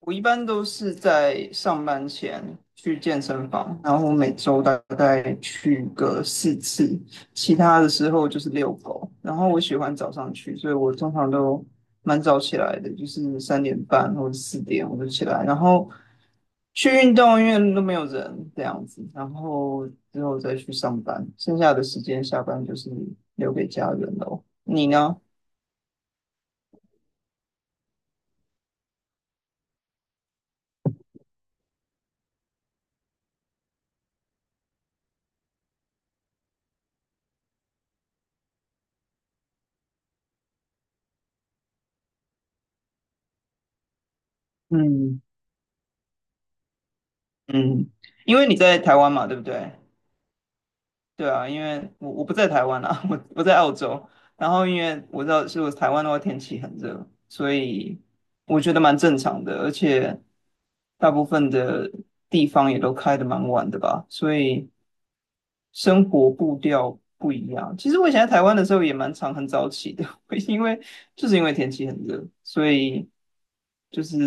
我一般都是在上班前去健身房，然后我每周大概去个4次。其他的时候就是遛狗。然后我喜欢早上去，所以我通常都蛮早起来的，就是3:30或者4点我就起来，然后去运动，因为都没有人这样子，然后之后再去上班，剩下的时间下班就是留给家人喽。你呢？嗯嗯，因为你在台湾嘛，对不对？对啊，因为我不在台湾啊，我在澳洲。然后因为我知道，是我台湾的话天气很热，所以我觉得蛮正常的，而且大部分的地方也都开得蛮晚的吧，所以生活步调不一样。其实我以前在台湾的时候也蛮常很早起的，因为就是因为天气很热，所以就是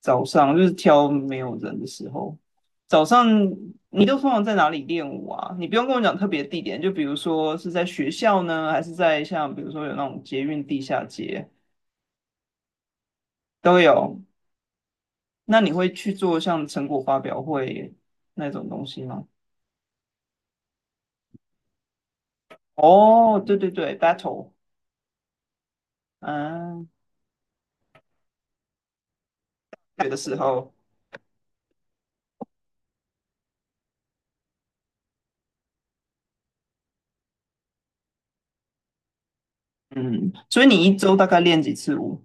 早上，就是挑没有人的时候。早上你都通常在哪里练舞啊？你不用跟我讲特别地点，就比如说是在学校呢，还是在像比如说有那种捷运地下街都有。那你会去做像成果发表会那种东西吗？哦，对对对，battle，嗯，学的时候，嗯，所以你一周大概练几次舞？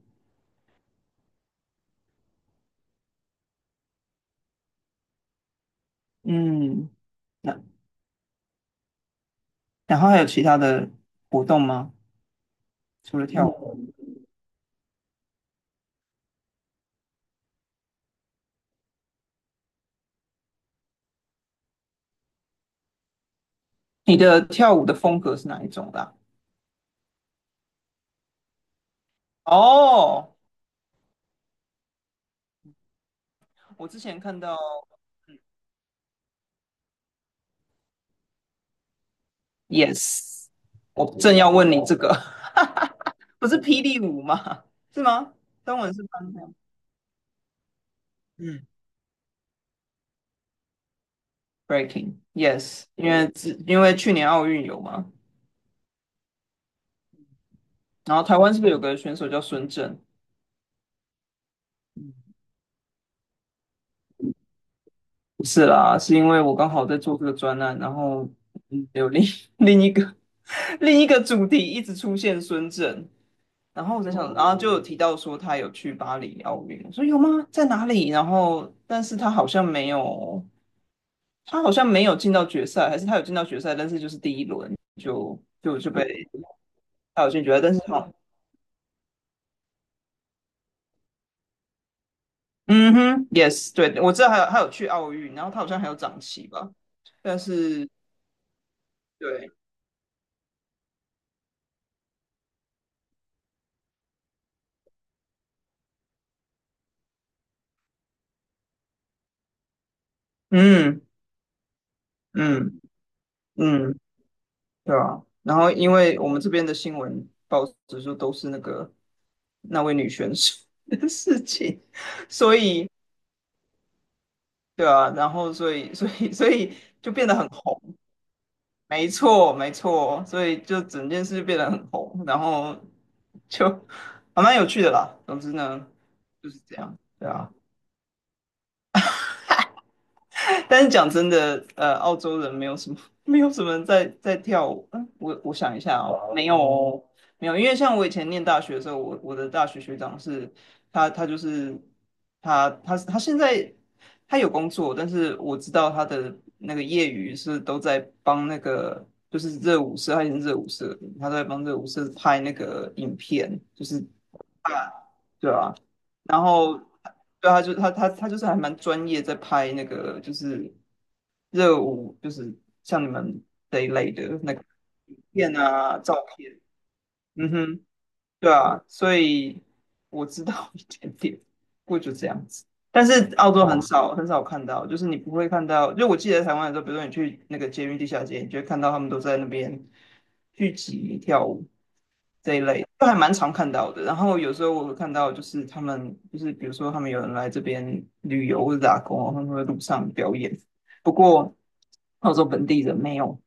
嗯，那然后还有其他的活动吗？除了跳舞？你的跳舞的风格是哪一种啦？哦，我之前看到，yes，我正要问你这个。不是霹雳舞吗？是吗？中文是翻跳，嗯，breaking，yes，因为之因为去年奥运有嘛，然后台湾是不是有个选手叫孙正？不是啦，是因为我刚好在做这个专案，然后有另 另一个 另一个主题一直出现孙正，然后我在想，然后就有哦提到说他有去巴黎奥运，我说有吗？在哪里？然后，但是他好像没有，他好像没有进到决赛，还是他有进到决赛，但是就是第一轮就被他有进决赛，但是好，嗯哼，yes，对，我知道还有去奥运，然后他好像还有长旗吧，但是对，嗯嗯嗯，对啊，然后因为我们这边的新闻报纸就都是那个那位女选手的事情。所以对啊，然后所以 所以就变得很红，没错没错，所以就整件事变得很红，然后就还蛮有趣的啦。总之呢，就是这样，对啊。但是讲真的，澳洲人没有什么，没有什么人在跳舞。嗯，我想一下哦，没有哦，没有，因为像我以前念大学的时候，我的大学学长是，他就是他现在他有工作，但是我知道他的那个业余是都在帮那个就是热舞社，他以前是热舞社的，他都在帮热舞社拍那个影片，就是啊，对啊，然后对他就他就是还蛮专业，在拍那个就是热舞，就是像你们这一类的那个影片啊、照片。嗯哼，对啊，所以我知道 一点点，不过就这样子。但是澳洲很哦少很少看到，就是你不会看到。就我记得在台湾的时候，比如说你去那个捷运地下街，你就会看到他们都在那边聚集跳舞这一类，都还蛮常看到的。然后有时候我会看到，就是他们就是比如说他们有人来这边旅游或者打工，他们会路上表演。不过澳洲本地人没有，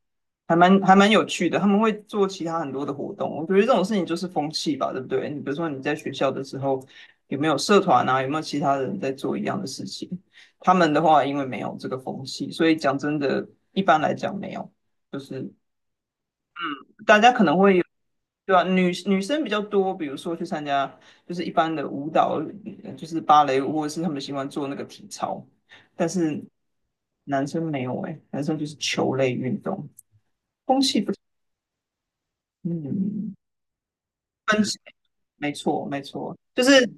还蛮有趣的，他们会做其他很多的活动。我觉得这种事情就是风气吧，对不对？你比如说你在学校的时候，有没有社团啊？有没有其他人在做一样的事情？他们的话，因为没有这个风气，所以讲真的，一般来讲没有，就是大家可能会有，对吧？女生比较多，比如说去参加就是一般的舞蹈，就是芭蕾舞，或者是他们喜欢做那个体操，但是男生没有哎、男生就是球类运动，风气不，嗯。分歧，没错，没错，就是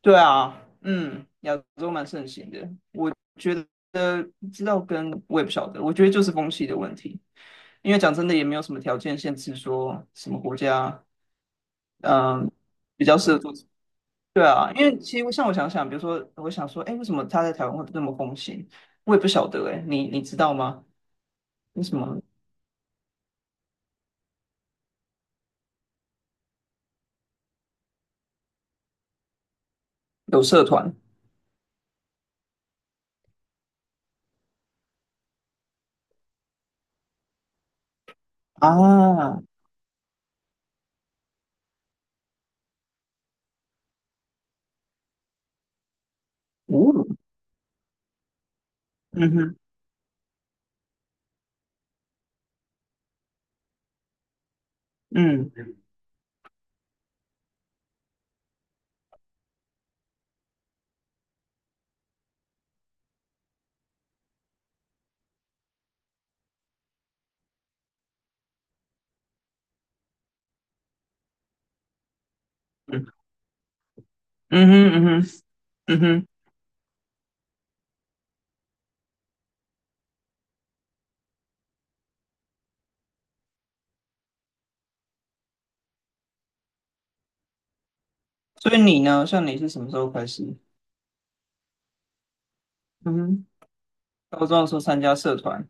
对啊，嗯，亚洲蛮盛行的，我觉得不知道跟我也不晓得，我觉得就是风气的问题，因为讲真的也没有什么条件限制说什么国家，嗯，比较适合做，对啊，因为其实像我想想，比如说我想说，哎，为什么他在台湾会这么风行？我也不晓得，哎，你你知道吗？为什么有社团啊？哦，嗯哼，嗯嗯嗯哼嗯哼嗯哼。所以你呢？像你是什么时候开始？嗯哼，高中的时候参加社团，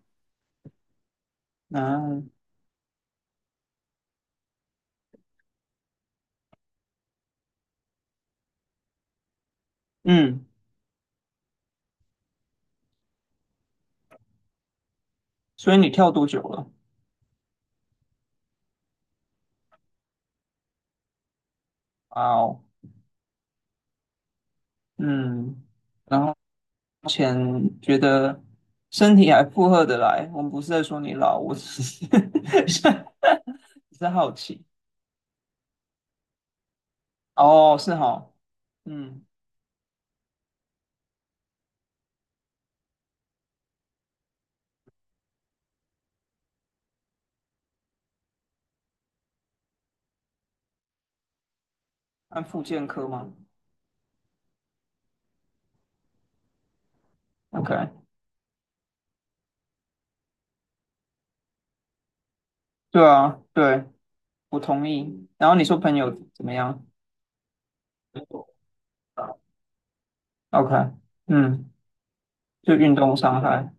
啊。嗯，所以你跳多久了？啊，哦，嗯，然后目前觉得身体还负荷得来，我们不是在说你老，我只是 在是好奇。哦，是哈，嗯，按复健科吗？OK，对啊，对，我同意。然后你说朋友怎么样？OK，嗯，就运动伤害。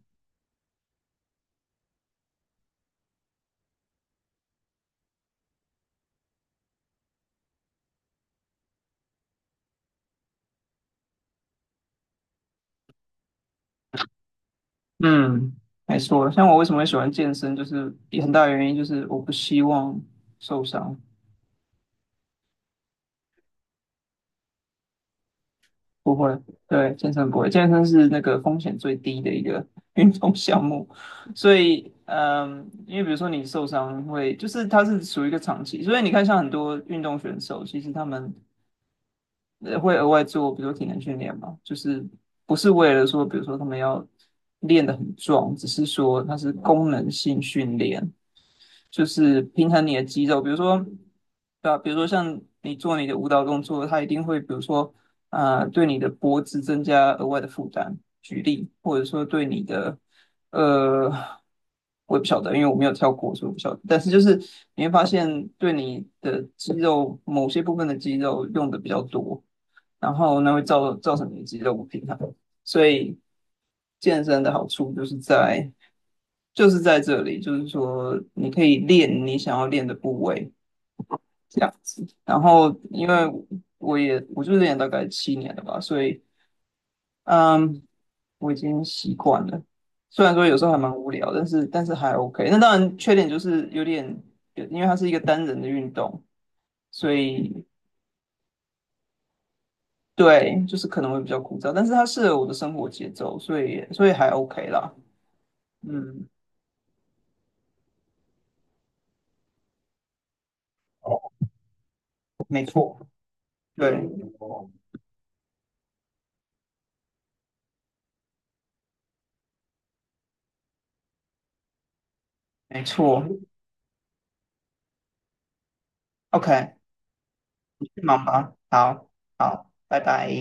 嗯，没错。像我为什么会喜欢健身，就是有很大原因就是我不希望受伤。不会，对，健身不会，健身是那个风险最低的一个 运动项目。所以，嗯，因为比如说你受伤会，就是它是属于一个长期，所以你看像很多运动选手，其实他们会额外做，比如说体能训练嘛，就是不是为了说，比如说他们要练得很壮，只是说它是功能性训练，就是平衡你的肌肉，比如说，对吧？比如说像你做你的舞蹈动作，它一定会，比如说，对你的脖子增加额外的负担，举例，或者说对你的，呃，我也不晓得，因为我没有跳过，所以我不晓得。但是就是你会发现，对你的肌肉某些部分的肌肉用的比较多，然后那会造造成你肌肉不平衡。所以健身的好处就是在就是在这里，就是说你可以练你想要练的部位这样子。然后因为我也就练大概7年了吧，所以嗯，我已经习惯了。虽然说有时候还蛮无聊，但是还 OK。那当然缺点就是有点，因为它是一个单人的运动，所以对，就是可能会比较枯燥，但是它适合我的生活节奏，所以还 OK 啦。嗯，没错，对，没错。OK，你去忙吧。好，好，拜拜。